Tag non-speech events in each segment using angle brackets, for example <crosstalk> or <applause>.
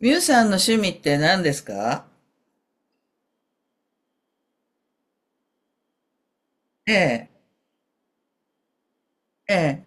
ミュウさんの趣味って何ですか？ええ、ええ。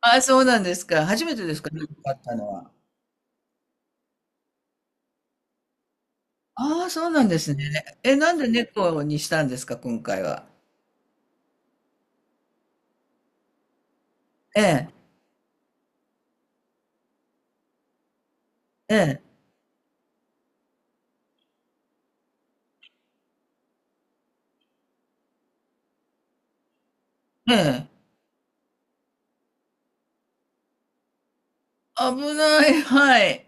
ああ、そうなんですか。初めてですか、猫飼ったのは。ああ、そうなんですね。え、なんで猫にしたんですか、今回は？ええ、ええ、ええ。危ない、はい。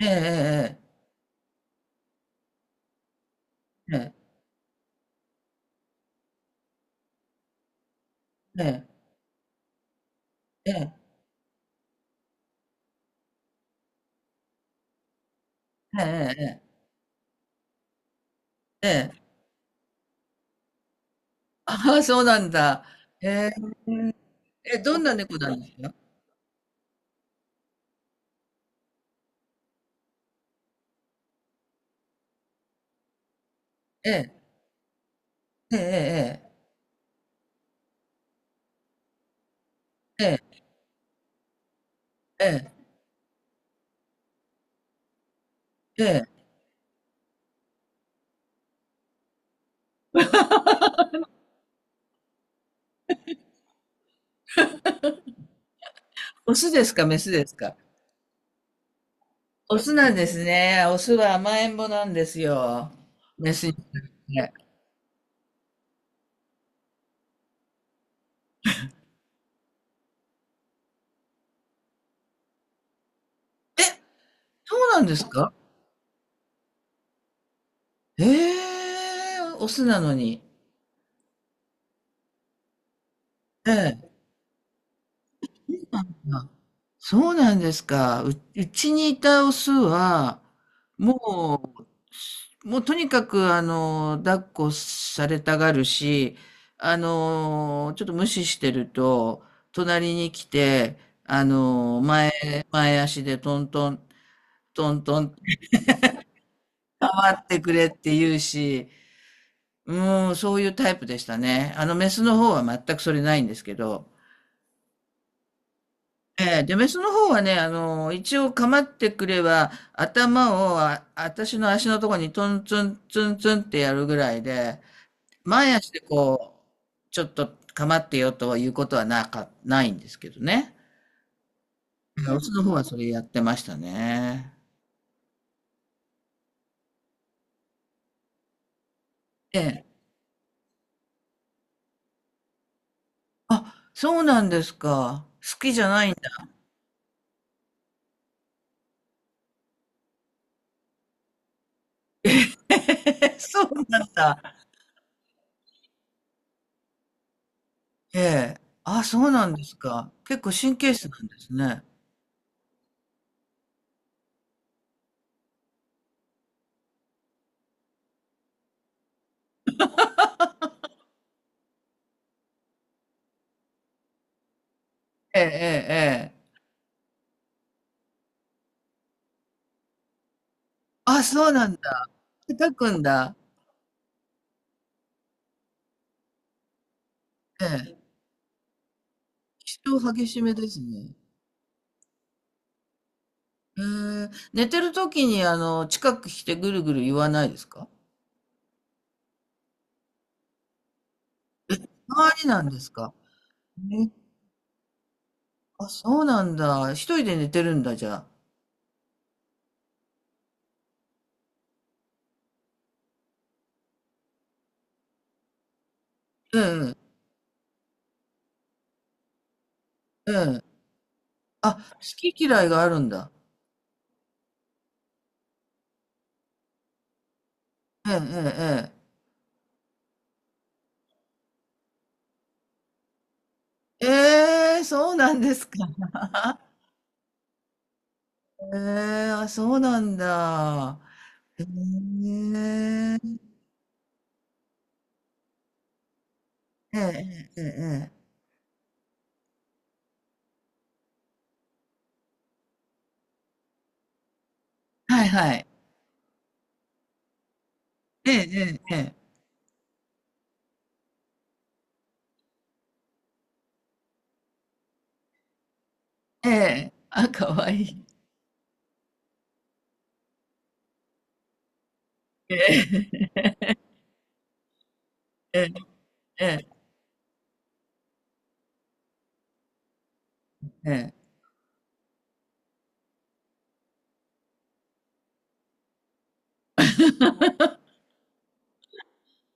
ええ、ええ、ええ、ええ、ええ、ええ、ええ。ええ。ああ、そうなんだ。ええ、え、どんな猫なんですか？ええ、ええ、ええ、ええ、ええ。ええ。オスですか、メスですか？オスなんですね。オスは甘えん坊なんですよ。メスに比べて。え、そうなんですか？ええー、オスなのに。ええ。あ、そうなんですか。うちにいたオスは、ももうとにかく、抱っこされたがるし、ちょっと無視してると、隣に来て、あの、前、前足でトントン、トントン、頑張ってくれって言うし、もうそういうタイプでしたね。メスの方は全くそれないんですけど。ええ、で、メスの方はね、一応構ってくれば、頭をあ、私の足のとこにトンツンツンツンってやるぐらいで、前足でこう、ちょっと構ってよということはなか、ないんですけどね。うん、オスの方はそれやってましたね。ええ。あ、そうなんですか。好きじゃないんだ。<laughs> そうなんだ。ええ。あ、そうなんですか。結構神経質なんですね。ええ、ええ、ええ。あ、そうなんだ。叩くんだ。ええ。気性激しめですね。ええ。寝てる時に、近く来てぐるぐる言わないですか？周りなんですかね。あ、そうなんだ。一人で寝てるんだ、じゃあ。ええ、ええ。あ、好き嫌いがあるんだ。ええ、ええ、ええ。ええ、そうなんですか。ええ、あ、そうなんだ。ええ。ええ、ええ、ええ、はいはい。ええ、ええ、ええ。ええ。あ、可愛いい。ええ、ええ、ええ、ええ。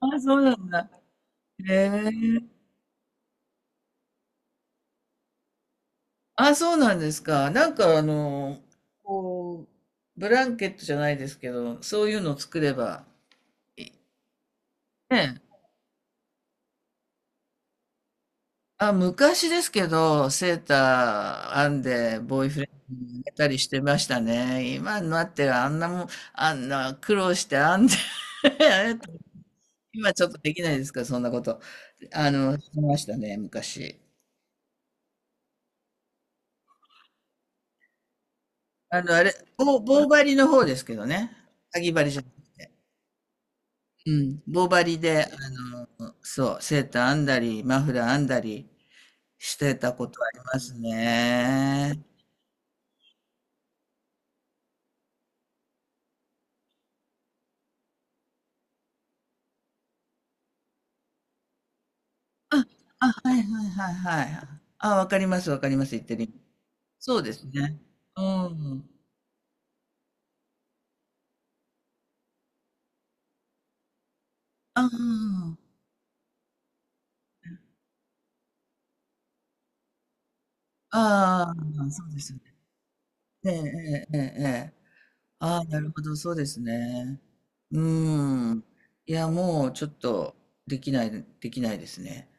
あ、そうなんだ。へえ。あ、そうなんですか。なんかこう、ブランケットじゃないですけど、そういうのを作れば、いい。ねえ。あ、昔ですけど、セーター編んで、ボーイフレンドにあげたりしてましたね。今になってはあんなもん、あんな苦労して編んで <laughs> 今ちょっとできないですか、そんなこと。してましたね、昔。あの、あれ、棒針の方ですけどね。かぎ針じゃなくて。うん。棒針で、あの、そう、セーター編んだり、マフラー編んだりしてたことありますね。あ、あ、はいはいはいはい。あ、わかります、わかります、言ってる意味。そうですね。うん。ああ、ああ、そうですよね。ええ、ええ、ええ。え。ああ、なるほど、そうですね。うーん。いや、もうちょっとできないですね。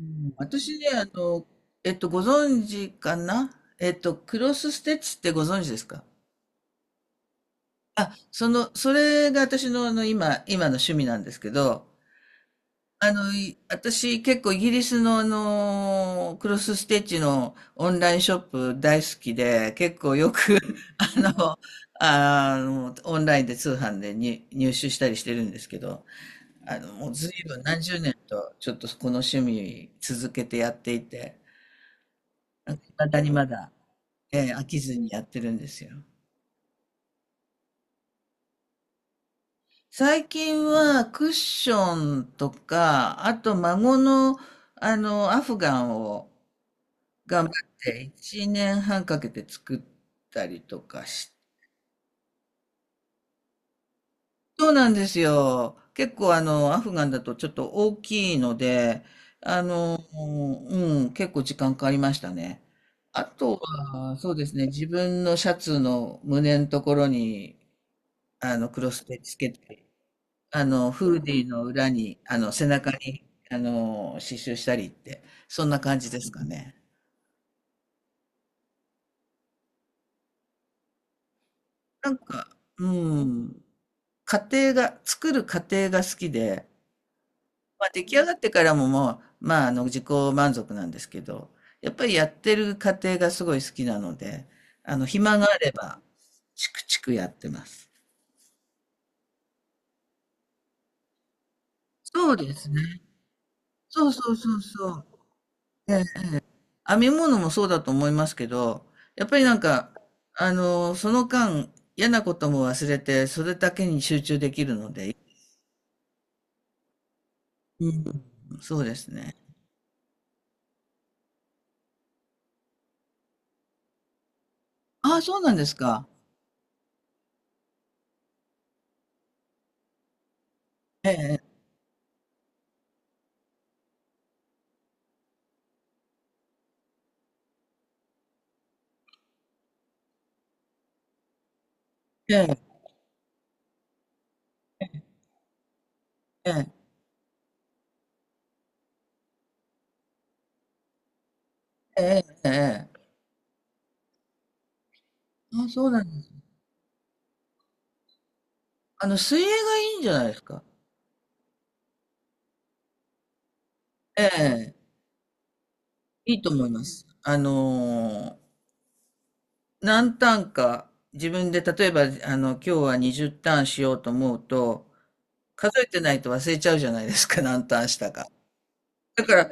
うん、私ね、あの、ご存知かな。クロスステッチってご存知ですか？あ、その、それが私の、あの、今の趣味なんですけど、あの、私、結構イギリスのあの、クロスステッチのオンラインショップ大好きで、結構よく、<laughs> あの、あの、オンラインで通販でに入手したりしてるんですけど、あの、もう随分何十年とちょっとこの趣味続けてやっていて、なんか未だにまだ、飽きずにやってるんですよ。最近はクッションとか、あと孫のあの、アフガンを頑張って1年半かけて作ったりとかし、そうなんですよ。結構あの、アフガンだとちょっと大きいので、あの、うん、結構時間かかりましたね。あとは、そうですね、自分のシャツの胸のところに、あの、クロステつけて、あの、フーディーの裏に、あの、背中に、あの、刺繍したりって、そんな感じですかね。なんか、うん。家庭が、作る過程が好きで、まあ、出来上がってからももう、まあ、あの、自己満足なんですけど、やっぱりやってる過程がすごい好きなので、あの、暇があれば、チクチクやってます。そうですね。そうそうそうそう。ええ、編み物もそうだと思いますけど、やっぱりなんか、あの、その間、嫌なことも忘れて、それだけに集中できるので、うん、そうですね。ああ、そうなんですか。ええ、ええ、ええ、ええ、ええ、あ、そうなんです。あの、水泳がいいんじゃないですか。ええ、いいと思います。何ターンか、自分で例えば、あの、今日は20ターンしようと思うと、数えてないと忘れちゃうじゃないですか、<laughs> 何ターンしたか。だから、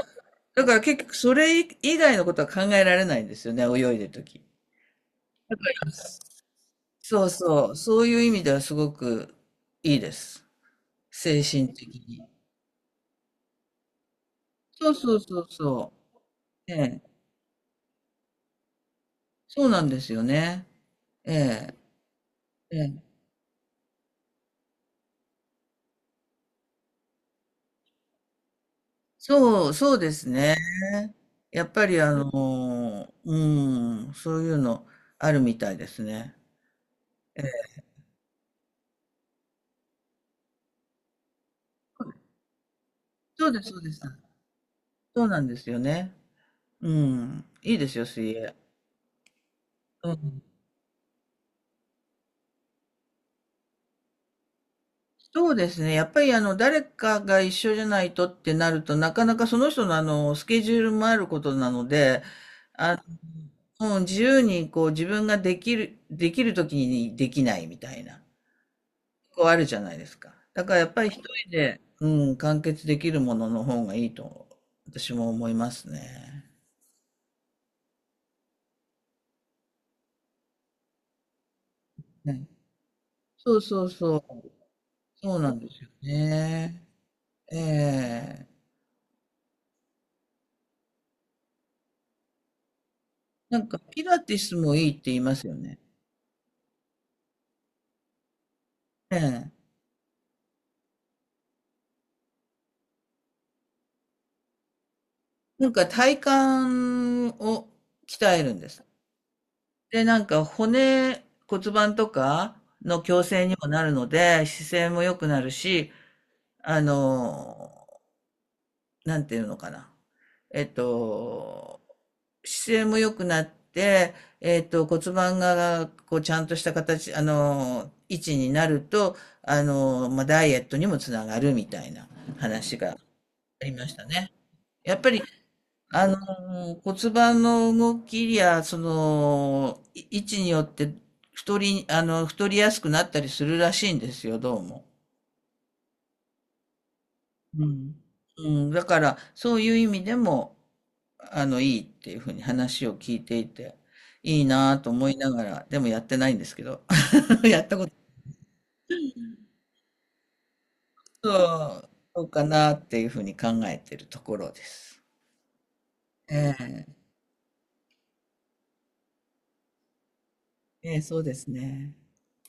だから結局それ以外のことは考えられないんですよね、泳いでるとき。そうそう、そういう意味ではすごくいいです。精神的に。そうそうそうそう。ええ。そうなんですよね。ええ、ええ。そう、そうですね。やっぱりあの、うん、そういうのあるみたいですね。ええ、そうです、そうです。そうなんですよね。うん、いいですよ、水泳。うん、そうですね。やっぱりあの、誰かが一緒じゃないとってなると、なかなかその人のあの、スケジュールもあることなので、あの、もう自由にこう自分ができる、できる時にできないみたいな。構あるじゃないですか。だからやっぱり一人で、うん、完結できるものの方がいいと、私も思いますね。ね。そうそうそう。そうなんですよね。ええ。なんか、ピラティスもいいって言いますよね。ええ。なんか体幹を鍛えるんです。で、なんか骨盤とかの矯正にもなるので、姿勢も良くなるし、あの、なんていうのかな。えっと、姿勢も良くなって、骨盤が、こう、ちゃんとした形、あの、位置になると、あの、まあ、ダイエットにもつながるみたいな話がありましたね。やっぱり、あの、骨盤の動きや、その、位置によって、あの、太りやすくなったりするらしいんですよ、どうも。うん。うん、だからそういう意味でもあのいいっていうふうに話を聞いていていいなぁと思いながらでもやってないんですけど、 <laughs> やったことそうそうかなっていうふうに考えてるところです。ええ、ええ、そうですね。